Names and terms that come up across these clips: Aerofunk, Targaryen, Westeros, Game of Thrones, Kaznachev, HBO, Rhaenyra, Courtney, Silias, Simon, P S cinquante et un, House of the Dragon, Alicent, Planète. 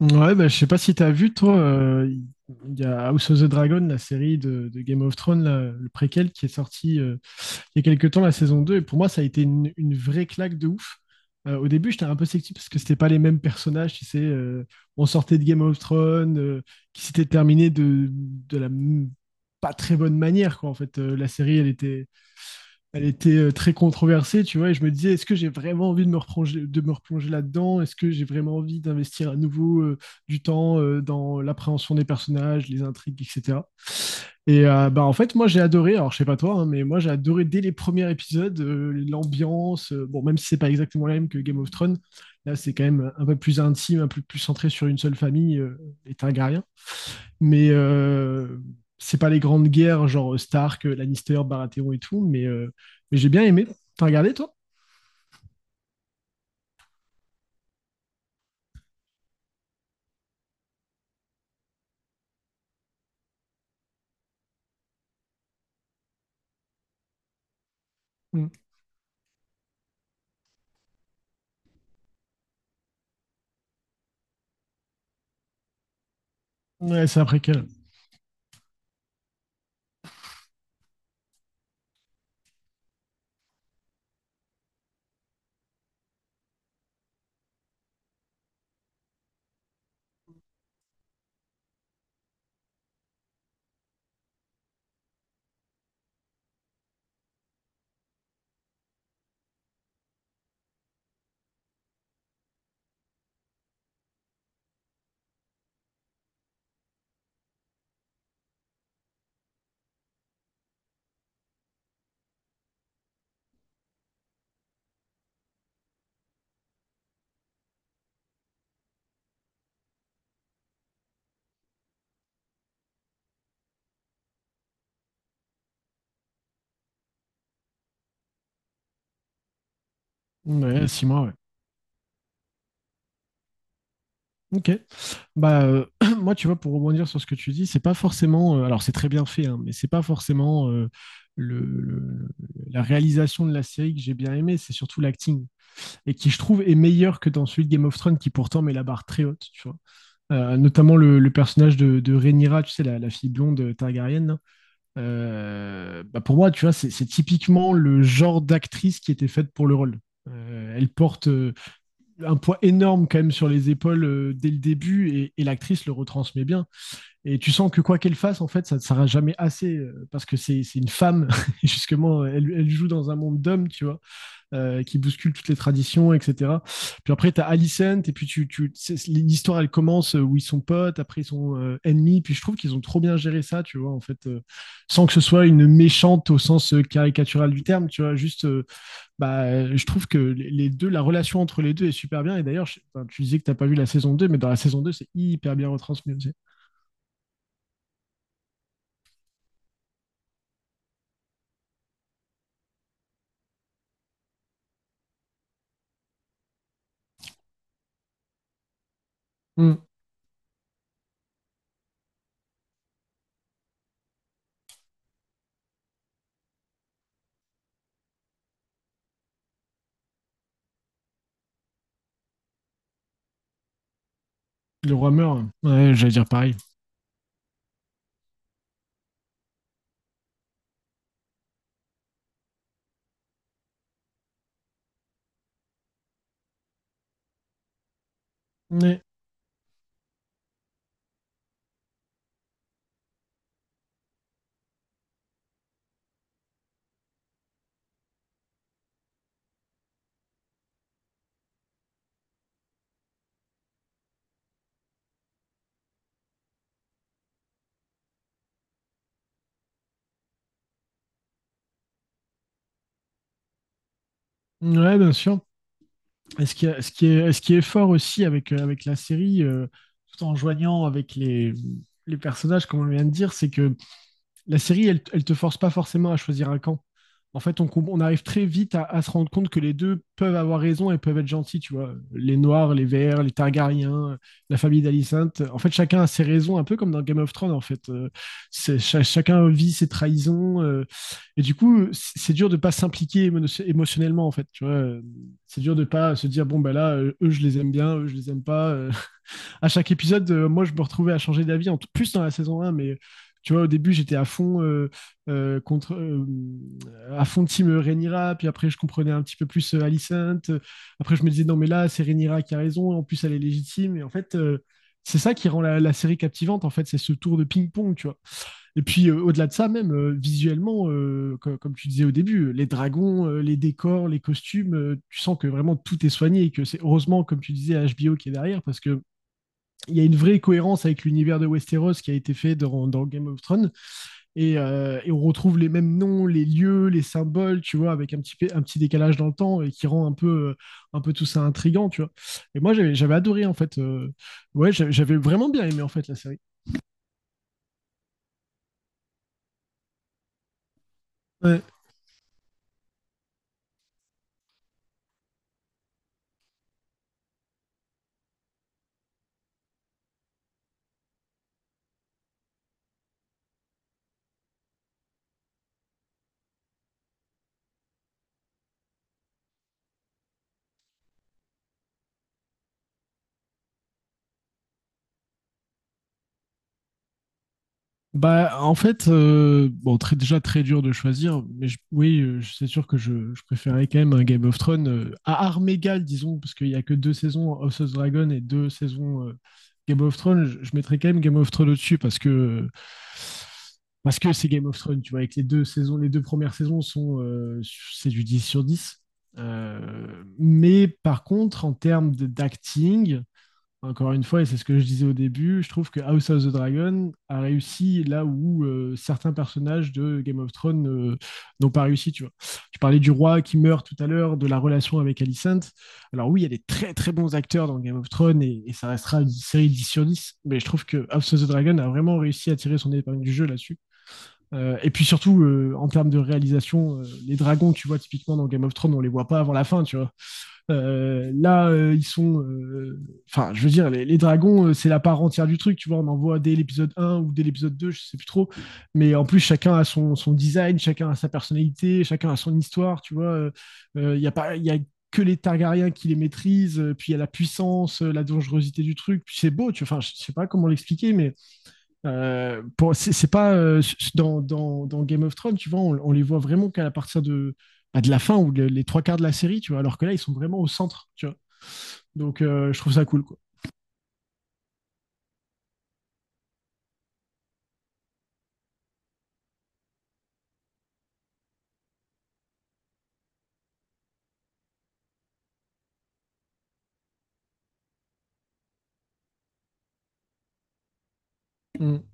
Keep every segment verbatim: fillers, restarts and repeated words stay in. Ouais, bah, je sais pas si t'as vu, toi, euh, il y a House of the Dragon, la série de, de Game of Thrones, là, le préquel qui est sorti euh, il y a quelques temps, la saison deux. Et pour moi, ça a été une, une vraie claque de ouf. Euh, au début, j'étais un peu sceptique parce que c'était pas les mêmes personnages, tu sais, euh, on sortait de Game of Thrones, euh, qui s'était terminé de, de la m- pas très bonne manière, quoi. En fait, Euh, la série, elle était, elle était euh, très controversée, tu vois, et je me disais, est-ce que j'ai vraiment envie de me replonger, de me replonger là-dedans? Est-ce que j'ai vraiment envie d'investir à nouveau euh, du temps euh, dans l'appréhension des personnages, les intrigues, et cætera. Et euh, bah, en fait, moi j'ai adoré, alors je sais pas toi, hein, mais moi j'ai adoré dès les premiers épisodes, euh, l'ambiance, euh, bon, même si c'est pas exactement la même que Game of Thrones, là c'est quand même un peu plus intime, un peu plus centré sur une seule famille, euh, les Targaryens. Mais euh, c'est pas les grandes guerres, genre Stark, Lannister, Baratheon et tout, mais, euh, mais j'ai bien aimé. T'as regardé, toi? Mmh. Ouais, c'est après quel? Ouais, six mois, ouais. Ok. Bah, euh, moi, tu vois, pour rebondir sur ce que tu dis, c'est pas forcément, euh, alors, c'est très bien fait, hein, mais c'est pas forcément euh, le, le- la réalisation de la série que j'ai bien aimé, c'est surtout l'acting. Et qui, je trouve, est meilleur que dans celui de Game of Thrones, qui pourtant met la barre très haute, tu vois. Euh, notamment le, le personnage de, de Rhaenyra, tu sais, la, la fille blonde, euh, Targaryen, là. Euh, bah pour moi, tu vois, c'est c'est typiquement le genre d'actrice qui était faite pour le rôle. Euh, elle porte, euh, un poids énorme quand même sur les épaules, euh, dès le début et, et l'actrice le retransmet bien. Et tu sens que quoi qu'elle fasse, en fait, ça ne sera jamais assez, euh, parce que c'est c'est une femme. Et justement, elle, elle joue dans un monde d'hommes, tu vois, euh, qui bouscule toutes les traditions, et cætera. Puis après, tu as Alicent, et puis tu, tu, l'histoire, elle commence, euh, où ils sont potes, après ils sont, euh, ennemis, puis je trouve qu'ils ont trop bien géré ça, tu vois, en fait, euh, sans que ce soit une méchante au sens, euh, caricatural du terme, tu vois, juste, euh, bah, je trouve que les deux, la relation entre les deux est super bien, et d'ailleurs, je, enfin, tu disais que t'as pas vu la saison deux, mais dans la saison deux c'est hyper bien retransmis aussi. Mmh. Le roi meurt, ouais, j'allais dire pareil. Mais... Ouais, bien sûr. Et ce qui, est- ce qui est, ce qui est fort aussi avec, euh, avec la série, euh, tout en joignant avec les, les personnages, comme on vient de dire, c'est que la série, elle, elle te force pas forcément à choisir un camp. En fait, on, on arrive très vite à, à se rendre compte que les deux peuvent avoir raison et peuvent être gentils, tu vois. Les Noirs, les Verts, les Targaryens, la famille d'Alicente. En fait, chacun a ses raisons, un peu comme dans Game of Thrones, en fait. Euh, c'est- cha- chacun vit ses trahisons, euh, et du coup, c'est c'est dur de pas s'impliquer émo- émotionnellement, en fait, tu vois. Euh, C'est dur de pas se dire, bon, ben là, euh, eux, je les aime bien, eux, je les aime pas, euh, à chaque épisode, euh, moi, je me retrouvais à changer d'avis, en plus dans la saison un, mais tu vois, au début, j'étais à fond, euh, euh, contre, euh, à fond team Rhaenyra, puis après, je comprenais un petit peu plus, euh, Alicent. Après, je me disais, non, mais là, c'est Rhaenyra qui a raison, en plus, elle est légitime. Et en fait, Euh, c'est ça qui rend la, la, série captivante, en fait, c'est ce tour de ping-pong, tu vois. Et puis, euh, au-delà de ça, même, euh, visuellement, euh, com comme tu disais au début, les dragons, euh, les décors, les costumes, euh, tu sens que vraiment tout est soigné et que c'est heureusement, comme tu disais, H B O qui est derrière, parce que il y a une vraie cohérence avec l'univers de Westeros qui a été fait dans, dans Game of Thrones et, euh, et, on retrouve les mêmes noms, les lieux, les symboles, tu vois, avec un petit, un petit décalage dans le temps et qui rend un peu, euh, un peu tout ça intrigant, tu vois. Et moi, j'avais j'avais adoré en fait. Euh, ouais, j'avais j'avais vraiment bien aimé en fait la série. Ouais. Bah, en fait, euh, bon, très, déjà très dur de choisir, mais je- oui, euh, je- c'est sûr que je, je préférais quand même un Game of Thrones, euh, à armes égales, disons, parce qu'il n'y a que deux saisons House of Dragon et deux saisons, euh, Game of Thrones. Je, je mettrais quand même Game of Thrones au-dessus parce que parce que c'est Game of Thrones, tu vois, avec les deux saisons, les deux premières saisons sont, euh, c'est du dix sur dix. Euh, mais par contre, en termes de- d'acting. Encore une fois, et c'est ce que je disais au début, je trouve que House of the Dragon a réussi là où, euh, certains personnages de Game of Thrones, euh, n'ont pas réussi, tu vois. Tu parlais du roi qui meurt tout à l'heure, de la relation avec Alicent. Alors oui, il y a des très très bons acteurs dans Game of Thrones et, et ça restera une série dix sur dix, mais je trouve que House of the Dragon a vraiment réussi à tirer son épingle du jeu là-dessus. Euh, et puis surtout, euh, en termes de réalisation, euh, les dragons, tu vois, typiquement dans Game of Thrones, on les voit pas avant la fin, tu vois. Euh, là, euh, ils sont, euh, enfin, euh, je veux dire, les, les dragons, euh, c'est la part entière du truc. Tu vois, on en voit dès l'épisode un ou dès l'épisode deux, je sais plus trop. Mais en plus, chacun a son, son design, chacun a sa personnalité, chacun a son histoire. Tu vois, euh, euh, il y a pas, il y a que les Targaryens qui les maîtrisent, euh, puis il y a la puissance, euh, la dangerosité du truc. Puis c'est beau. Tu vois, enfin, je sais pas comment l'expliquer, mais euh, pour- c'est c'est pas euh, dans, dans- dans Game of Thrones, tu vois, on, on les voit vraiment qu'à partir de, bah, de la fin ou le- les trois quarts de la série, tu vois, alors que là, ils sont vraiment au centre, tu vois. Donc, euh, je trouve ça cool, quoi. Mm.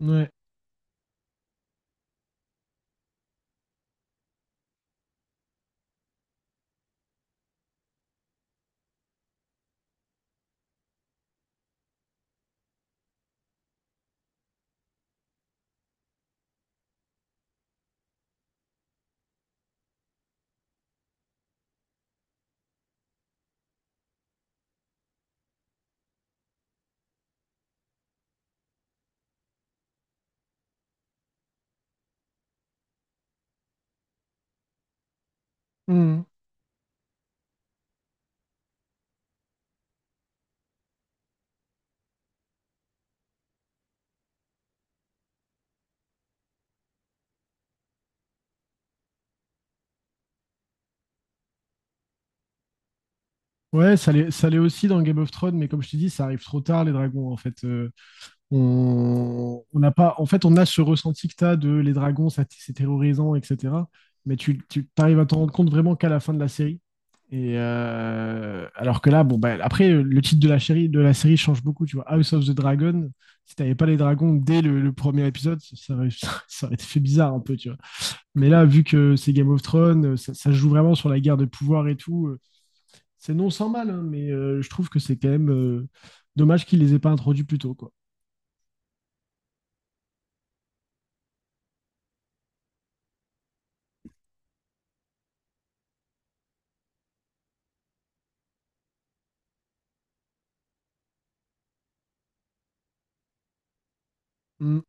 Ouais. Mm. Ouais, ça l'est ça l'est aussi dans Game of Thrones, mais comme je t'ai dit, ça arrive trop tard, les dragons, en fait. Euh, On on n'a pas, en fait, on a ce ressenti que tu as de les dragons, ça, c'est terrorisant, et cætera. Mais tu, tu arrives à t'en rendre compte vraiment qu'à la fin de la série. Et euh, alors que là, bon, bah, après, le titre de la, série, de la série change beaucoup. Tu vois, House of the Dragon, si t'avais pas les dragons dès le, le premier épisode, ça aurait, ça aurait été fait bizarre un peu, tu vois. Mais là, vu que c'est Game of Thrones, ça, ça joue vraiment sur la guerre de pouvoir et tout, euh, c'est non sans mal, hein, mais euh, je trouve que c'est quand même, euh, dommage qu'ils les aient pas introduits plus tôt, quoi. Mm.